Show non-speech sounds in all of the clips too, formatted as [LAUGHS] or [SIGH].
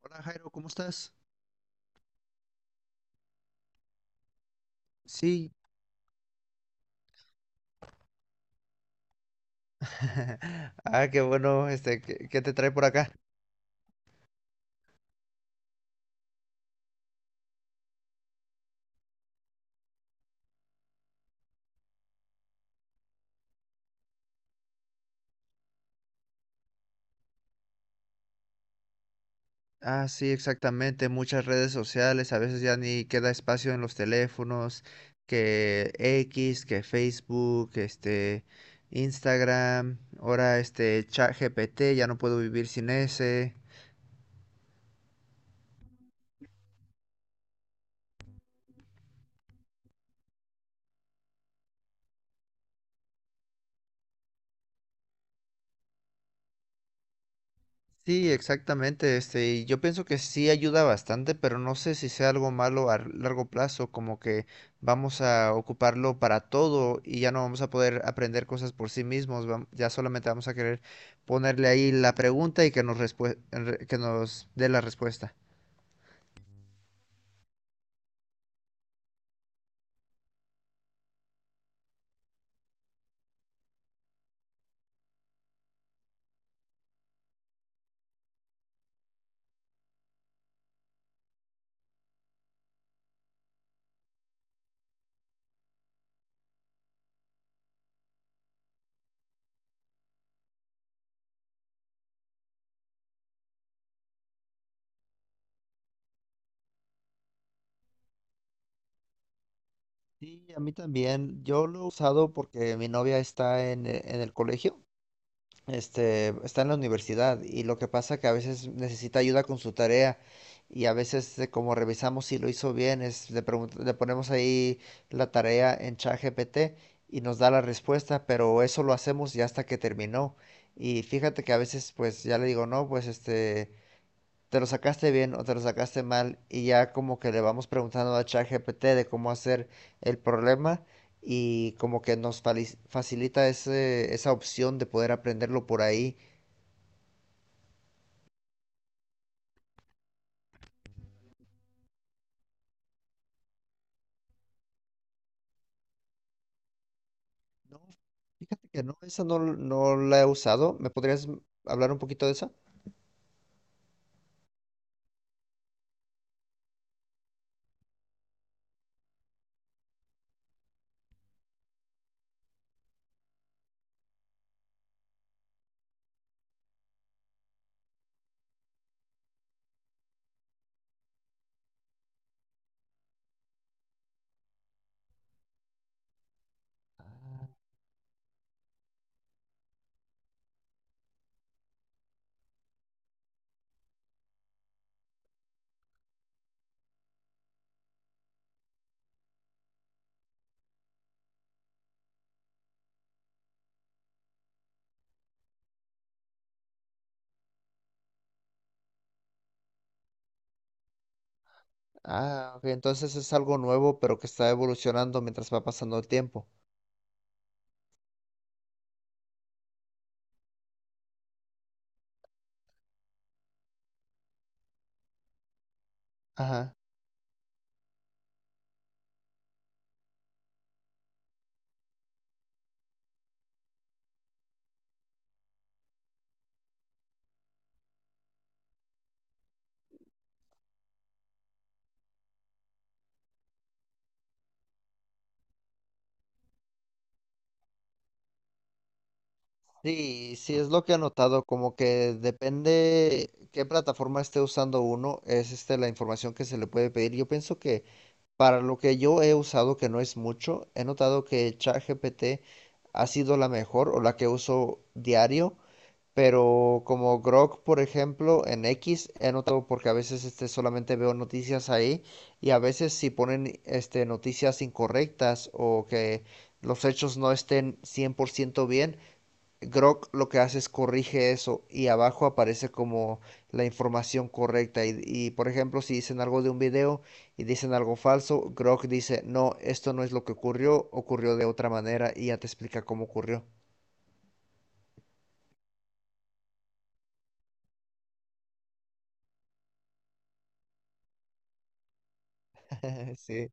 Hola, Jairo, ¿cómo estás? Sí. [LAUGHS] Ah, qué bueno, ¿qué te trae por acá? Ah, sí, exactamente. Muchas redes sociales, a veces ya ni queda espacio en los teléfonos, que X, que Facebook, Instagram, ahora ChatGPT, ya no puedo vivir sin ese. Sí, exactamente. Y yo pienso que sí ayuda bastante, pero no sé si sea algo malo a largo plazo, como que vamos a ocuparlo para todo y ya no vamos a poder aprender cosas por sí mismos. Ya solamente vamos a querer ponerle ahí la pregunta y que que nos dé la respuesta. Sí, a mí también. Yo lo he usado porque mi novia está en el colegio, está en la universidad, y lo que pasa que a veces necesita ayuda con su tarea. Y a veces, como revisamos si lo hizo bien, le ponemos ahí la tarea en ChatGPT y nos da la respuesta, pero eso lo hacemos ya hasta que terminó. Y fíjate que a veces pues ya le digo, no, pues, te lo sacaste bien o te lo sacaste mal, y ya como que le vamos preguntando a ChatGPT de cómo hacer el problema. Y como que nos facilita esa opción de poder aprenderlo por ahí. Fíjate que no, esa no, no la he usado. ¿Me podrías hablar un poquito de esa? Ah, ok, entonces es algo nuevo pero que está evolucionando mientras va pasando el tiempo. Ajá. Sí, sí, es lo que he notado, como que depende qué plataforma esté usando uno, es la información que se le puede pedir. Yo pienso que para lo que yo he usado, que no es mucho, he notado que ChatGPT ha sido la mejor o la que uso diario, pero como Grok, por ejemplo, en X, he notado porque a veces, solamente veo noticias ahí. Y a veces si ponen, noticias incorrectas, o que los hechos no estén 100% bien, Grok lo que hace es corrige eso y abajo aparece como la información correcta. Y, por ejemplo, si dicen algo de un video y dicen algo falso, Grok dice, no, esto no es lo que ocurrió, ocurrió de otra manera, y ya te explica cómo ocurrió. [LAUGHS] Sí.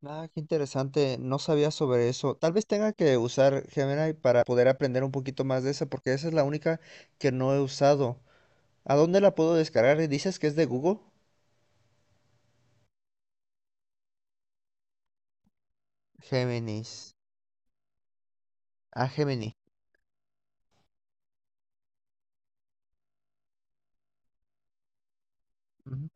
Nada, qué interesante. No sabía sobre eso. Tal vez tenga que usar Gemini para poder aprender un poquito más de esa, porque esa es la única que no he usado. ¿A dónde la puedo descargar? ¿Dices que es de Google? Géminis. Ah, Gemini. Ujú.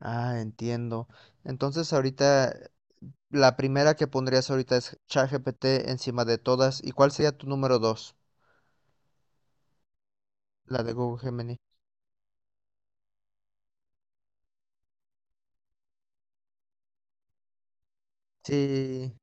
Ah, entiendo. Entonces, ahorita la primera que pondrías ahorita es ChatGPT encima de todas. ¿Y cuál sería tu número 2? La de Google, Gemini. Sí,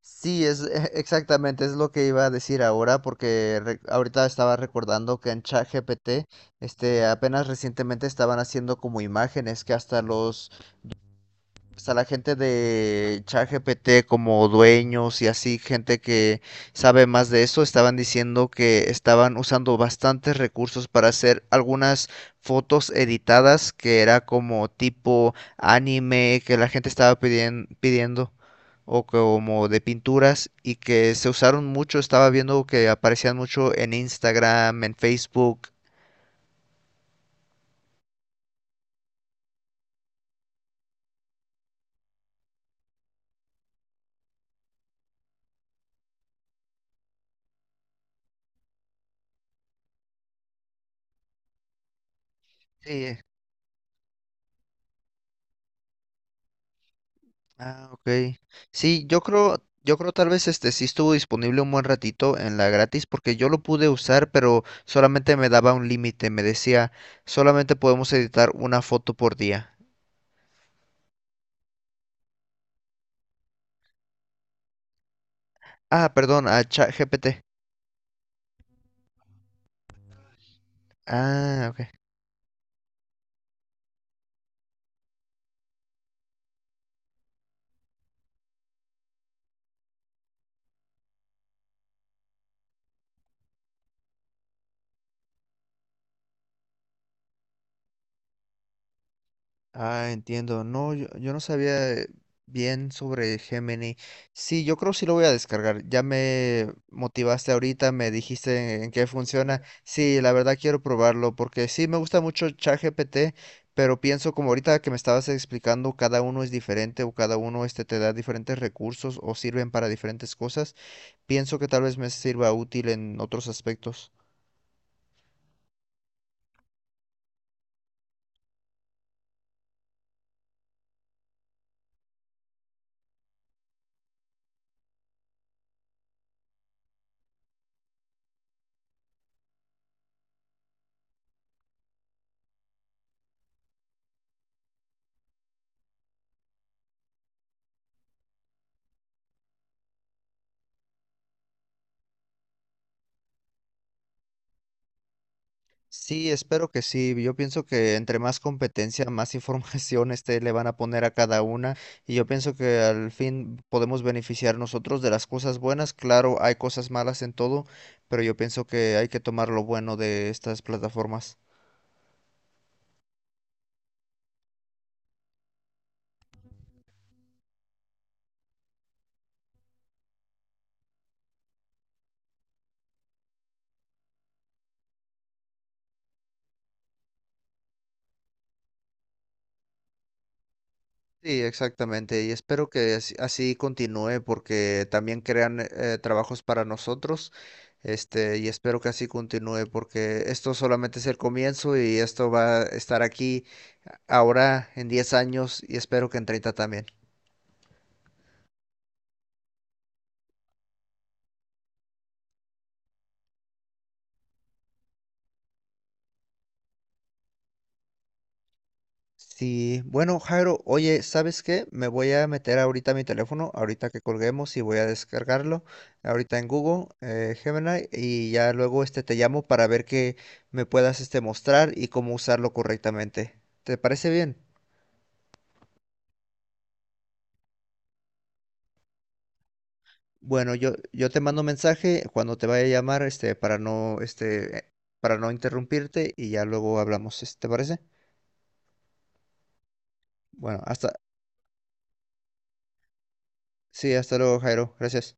sí, es [LAUGHS] exactamente, es lo que iba a decir ahora, porque ahorita estaba recordando que en ChatGPT, apenas recientemente estaban haciendo como imágenes, que hasta los pues, a la gente de ChatGPT como dueños y así, gente que sabe más de eso, estaban diciendo que estaban usando bastantes recursos para hacer algunas fotos editadas que era como tipo anime, que la gente estaba pidiendo, o como de pinturas, y que se usaron mucho. Estaba viendo que aparecían mucho en Instagram, en Facebook. Sí. Ah, ok. Sí, yo creo, tal vez este sí estuvo disponible un buen ratito en la gratis, porque yo lo pude usar, pero solamente me daba un límite, me decía, solamente podemos editar una foto por día. Ah, perdón, a ChatGPT. Ah, ok. Ah, entiendo. No, yo no sabía, bien sobre Gemini. Sí, yo creo que sí lo voy a descargar. Ya me motivaste ahorita, me dijiste en qué funciona. Sí, la verdad quiero probarlo porque sí me gusta mucho ChatGPT, pero pienso como ahorita que me estabas explicando, cada uno es diferente, o cada uno te da diferentes recursos o sirven para diferentes cosas. Pienso que tal vez me sirva útil en otros aspectos. Sí, espero que sí. Yo pienso que entre más competencia, más [LAUGHS] información, le van a poner a cada una. Y yo pienso que al fin podemos beneficiar nosotros de las cosas buenas. Claro, hay cosas malas en todo, pero yo pienso que hay que tomar lo bueno de estas plataformas. Sí, exactamente. Y espero que así, así continúe, porque también crean, trabajos para nosotros. Y espero que así continúe porque esto solamente es el comienzo, y esto va a estar aquí ahora en 10 años, y espero que en 30 también. Sí, bueno, Jairo, oye, ¿sabes qué? Me voy a meter ahorita a mi teléfono, ahorita que colguemos, y voy a descargarlo ahorita en Google, Gemini, y ya luego te llamo para ver que me puedas mostrar y cómo usarlo correctamente. ¿Te parece bien? Bueno, yo te mando mensaje cuando te vaya a llamar, para no interrumpirte, y ya luego hablamos, ¿te parece? Bueno, sí, hasta luego, Jairo, gracias.